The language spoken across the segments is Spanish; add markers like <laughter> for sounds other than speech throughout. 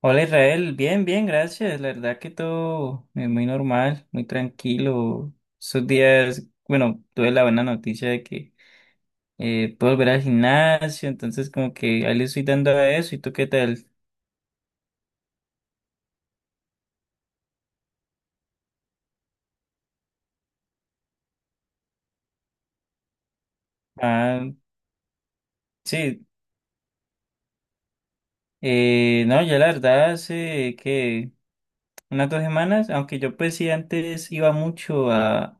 Hola Israel, bien, bien, gracias. La verdad que todo muy normal, muy tranquilo. Esos días, bueno, tuve la buena noticia de que puedo volver al gimnasio, entonces como que ahí le estoy dando a eso. ¿Y tú qué tal? Ah, sí, no, ya la verdad hace que unas dos semanas, aunque yo pues sí antes iba mucho a,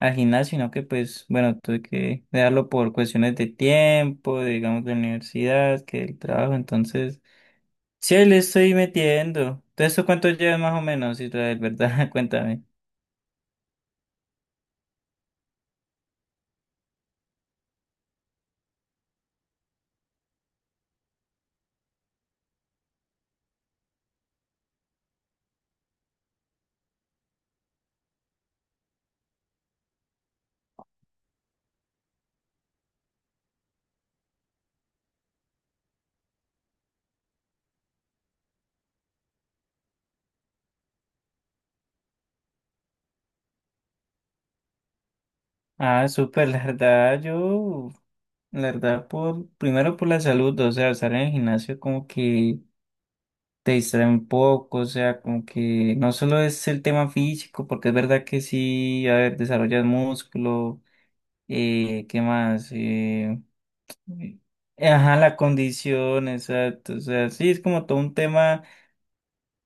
al gimnasio, sino que pues bueno, tuve que dejarlo por cuestiones de tiempo, digamos de la universidad, que del trabajo, entonces... Sí, ahí le estoy metiendo. ¿De eso cuánto llevas más o menos, Israel, verdad? <laughs> Cuéntame. Ah, súper, la verdad, yo, la verdad, por, primero por la salud, o sea, estar en el gimnasio como que te distrae un poco, o sea, como que no solo es el tema físico, porque es verdad que sí, a ver, desarrollas músculo, ¿qué más? Ajá, la condición, exacto, o sea, sí, es como todo un tema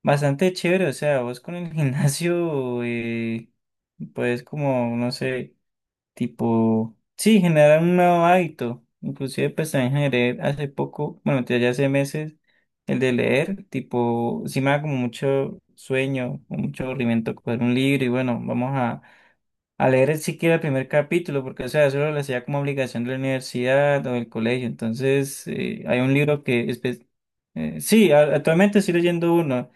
bastante chévere, o sea, vos con el <laughs> gimnasio, pues como, no sé, tipo, sí, generar un nuevo hábito. Inclusive pues también generé hace poco, bueno, ya hace meses, el de leer, tipo, si me da como mucho sueño, o mucho aburrimiento coger un libro y bueno, vamos a leer siquiera el primer capítulo, porque o sea, eso lo hacía como obligación de la universidad o del colegio. Entonces, hay un libro que, sí, actualmente estoy leyendo uno.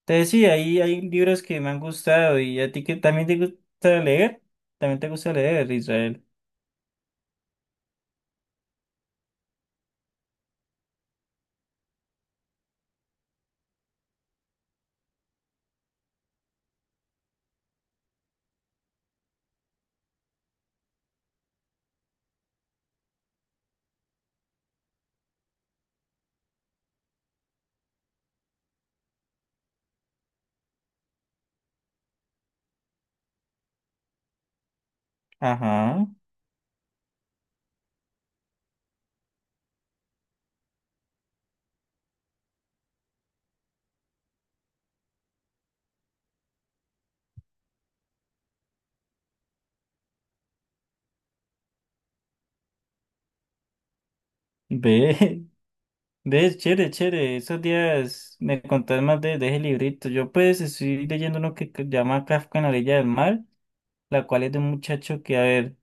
Entonces sí, hay libros que me han gustado y a ti que también te gusta leer, Israel. Ajá, ve, <laughs> ve, chévere, chévere. Esos días me contás más de ese librito. Yo pues estoy leyendo uno que llama Kafka en la orilla del mar, la cual es de un muchacho que, a ver,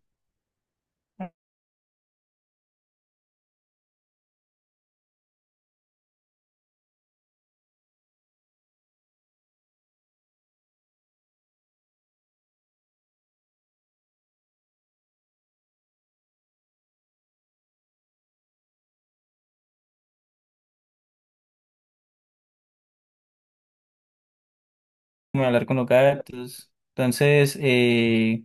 como hablar con los gatos. Entonces,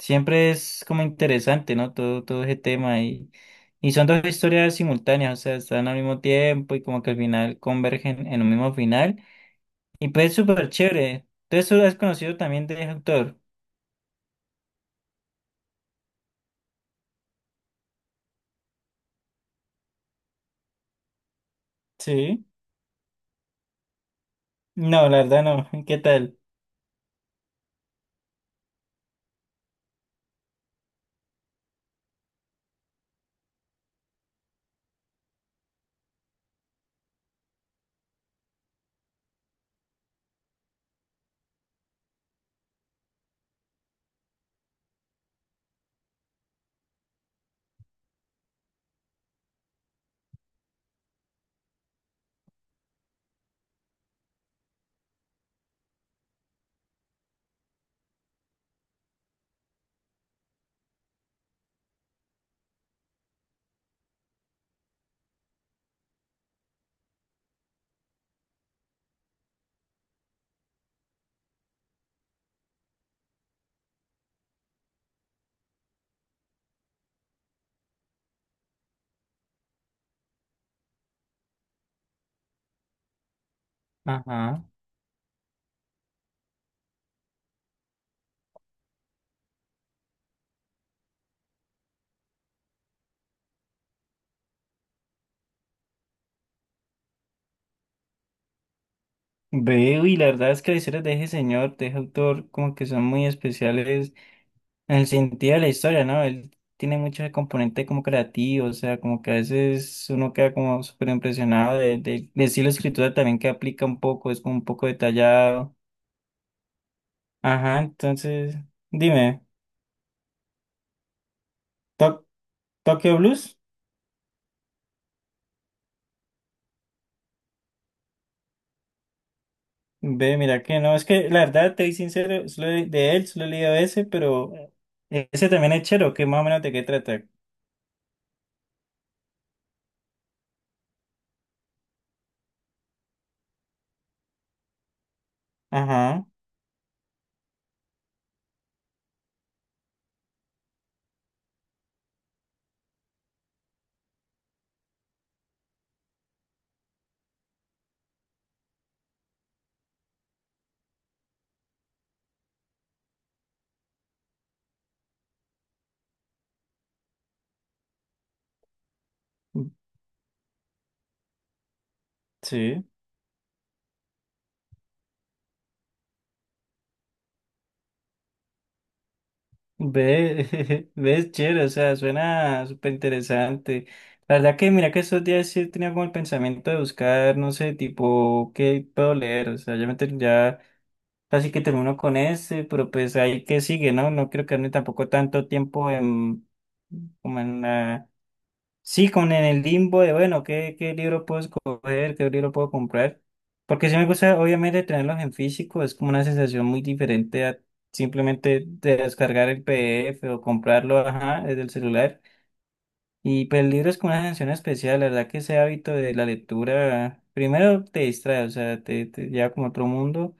siempre es como interesante, ¿no? Todo ese tema y son dos historias simultáneas, o sea, están al mismo tiempo y como que al final convergen en un mismo final. Y pues es súper chévere. Entonces, ¿lo has conocido también de ese autor? Sí. No, la verdad no. <laughs> ¿Qué tal? Ajá. Veo y la verdad es que las historias de ese señor, de ese autor, como que son muy especiales en el sentido de la historia, ¿no? Él tiene muchos componentes como creativos, o sea, como que a veces uno queda como súper impresionado de estilo de escritura también que aplica un poco, es como un poco detallado. Ajá, entonces, dime, ¿Tok- Tokyo Blues? Ve, mira que no, es que la verdad, te soy sincero, solo de él, solo he leído ese, pero ese también es chero, ¿que más o menos de qué trata? Ajá, sí. Ve, <laughs> ves, chévere, o sea, suena súper interesante. La verdad que mira que estos días sí tenía como el pensamiento de buscar, no sé, tipo, ¿qué puedo leer? O sea, ya, ya casi que termino con este, pero pues ahí que sigue, ¿no? No quiero quedarme tampoco tanto tiempo en, como en la... Sí, como en el limbo de, bueno, ¿qué, qué libro puedo escoger? ¿Qué libro puedo comprar? Porque sí me gusta, obviamente, tenerlos en físico. Es como una sensación muy diferente a simplemente de descargar el PDF o comprarlo, ajá, desde el celular. Y pues el libro es como una sensación especial. La verdad que ese hábito de la lectura, primero te distrae, o sea, te lleva como a otro mundo.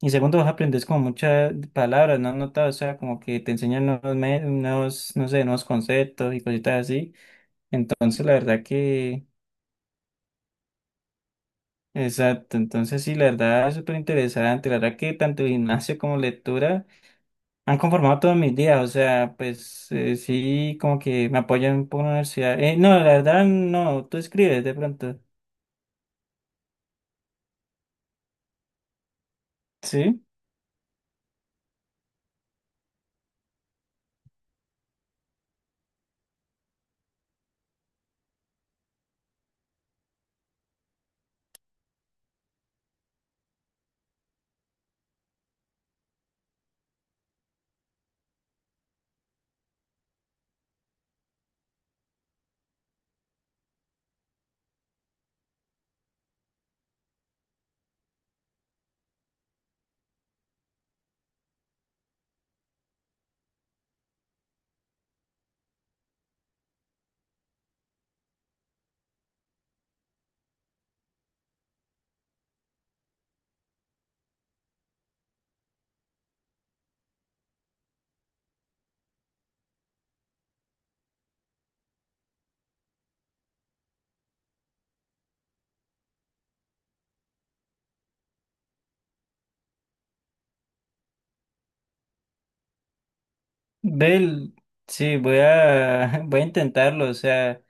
Y segundo, vos aprendes como muchas palabras, ¿no has notado? O sea, como que te enseñan nuevos, nuevos, no sé, nuevos conceptos y cositas así. Entonces, la verdad que, exacto, entonces sí, la verdad es súper interesante, la verdad que tanto gimnasio como lectura han conformado todos mis días, o sea, pues sí, como que me apoyan un poco la universidad. No, la verdad no, tú escribes de pronto, ¿sí? Bel, sí, <laughs> voy a intentarlo, o sea,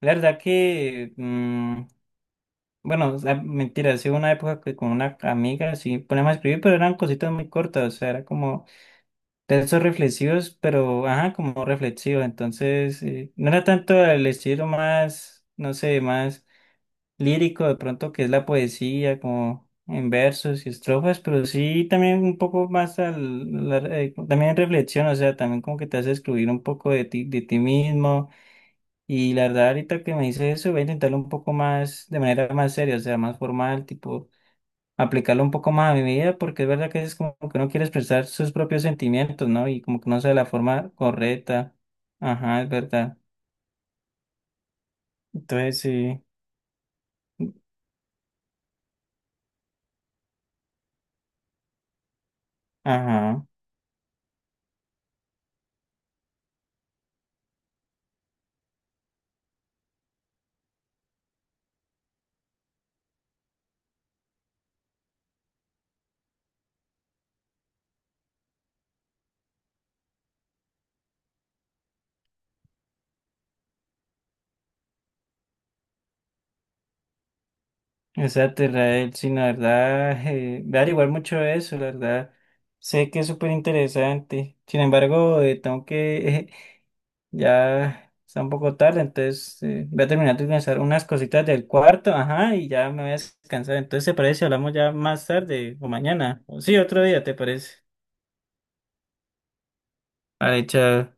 la verdad que, bueno, o sea, mentira, sí, hubo una época que con una amiga sí ponemos a escribir, pero eran cositas muy cortas, o sea, era como... Textos reflexivos, pero, ajá, como reflexivo. Entonces, no era tanto el estilo más, no sé, más lírico de pronto que es la poesía, como en versos y estrofas, pero sí también un poco más al, también reflexión, o sea, también como que te hace excluir un poco de ti mismo. Y la verdad, ahorita que me dices eso, voy a intentarlo un poco más, de manera más seria, o sea, más formal, tipo aplicarlo un poco más a mi vida, porque es verdad que es como que uno quiere expresar sus propios sentimientos, ¿no? Y como que no sé de la forma correcta. Ajá, es verdad. Entonces sí, ajá. Exacto, Israel, sí, la verdad, voy a averiguar mucho de eso, la verdad. Sé que es súper interesante. Sin embargo, tengo que, <laughs> ya está un poco tarde, entonces voy a terminar de organizar unas cositas del cuarto, ajá, y ya me voy a descansar. Entonces, ¿te parece si hablamos ya más tarde o mañana? O sí, otro día, ¿te parece? Vale, chao.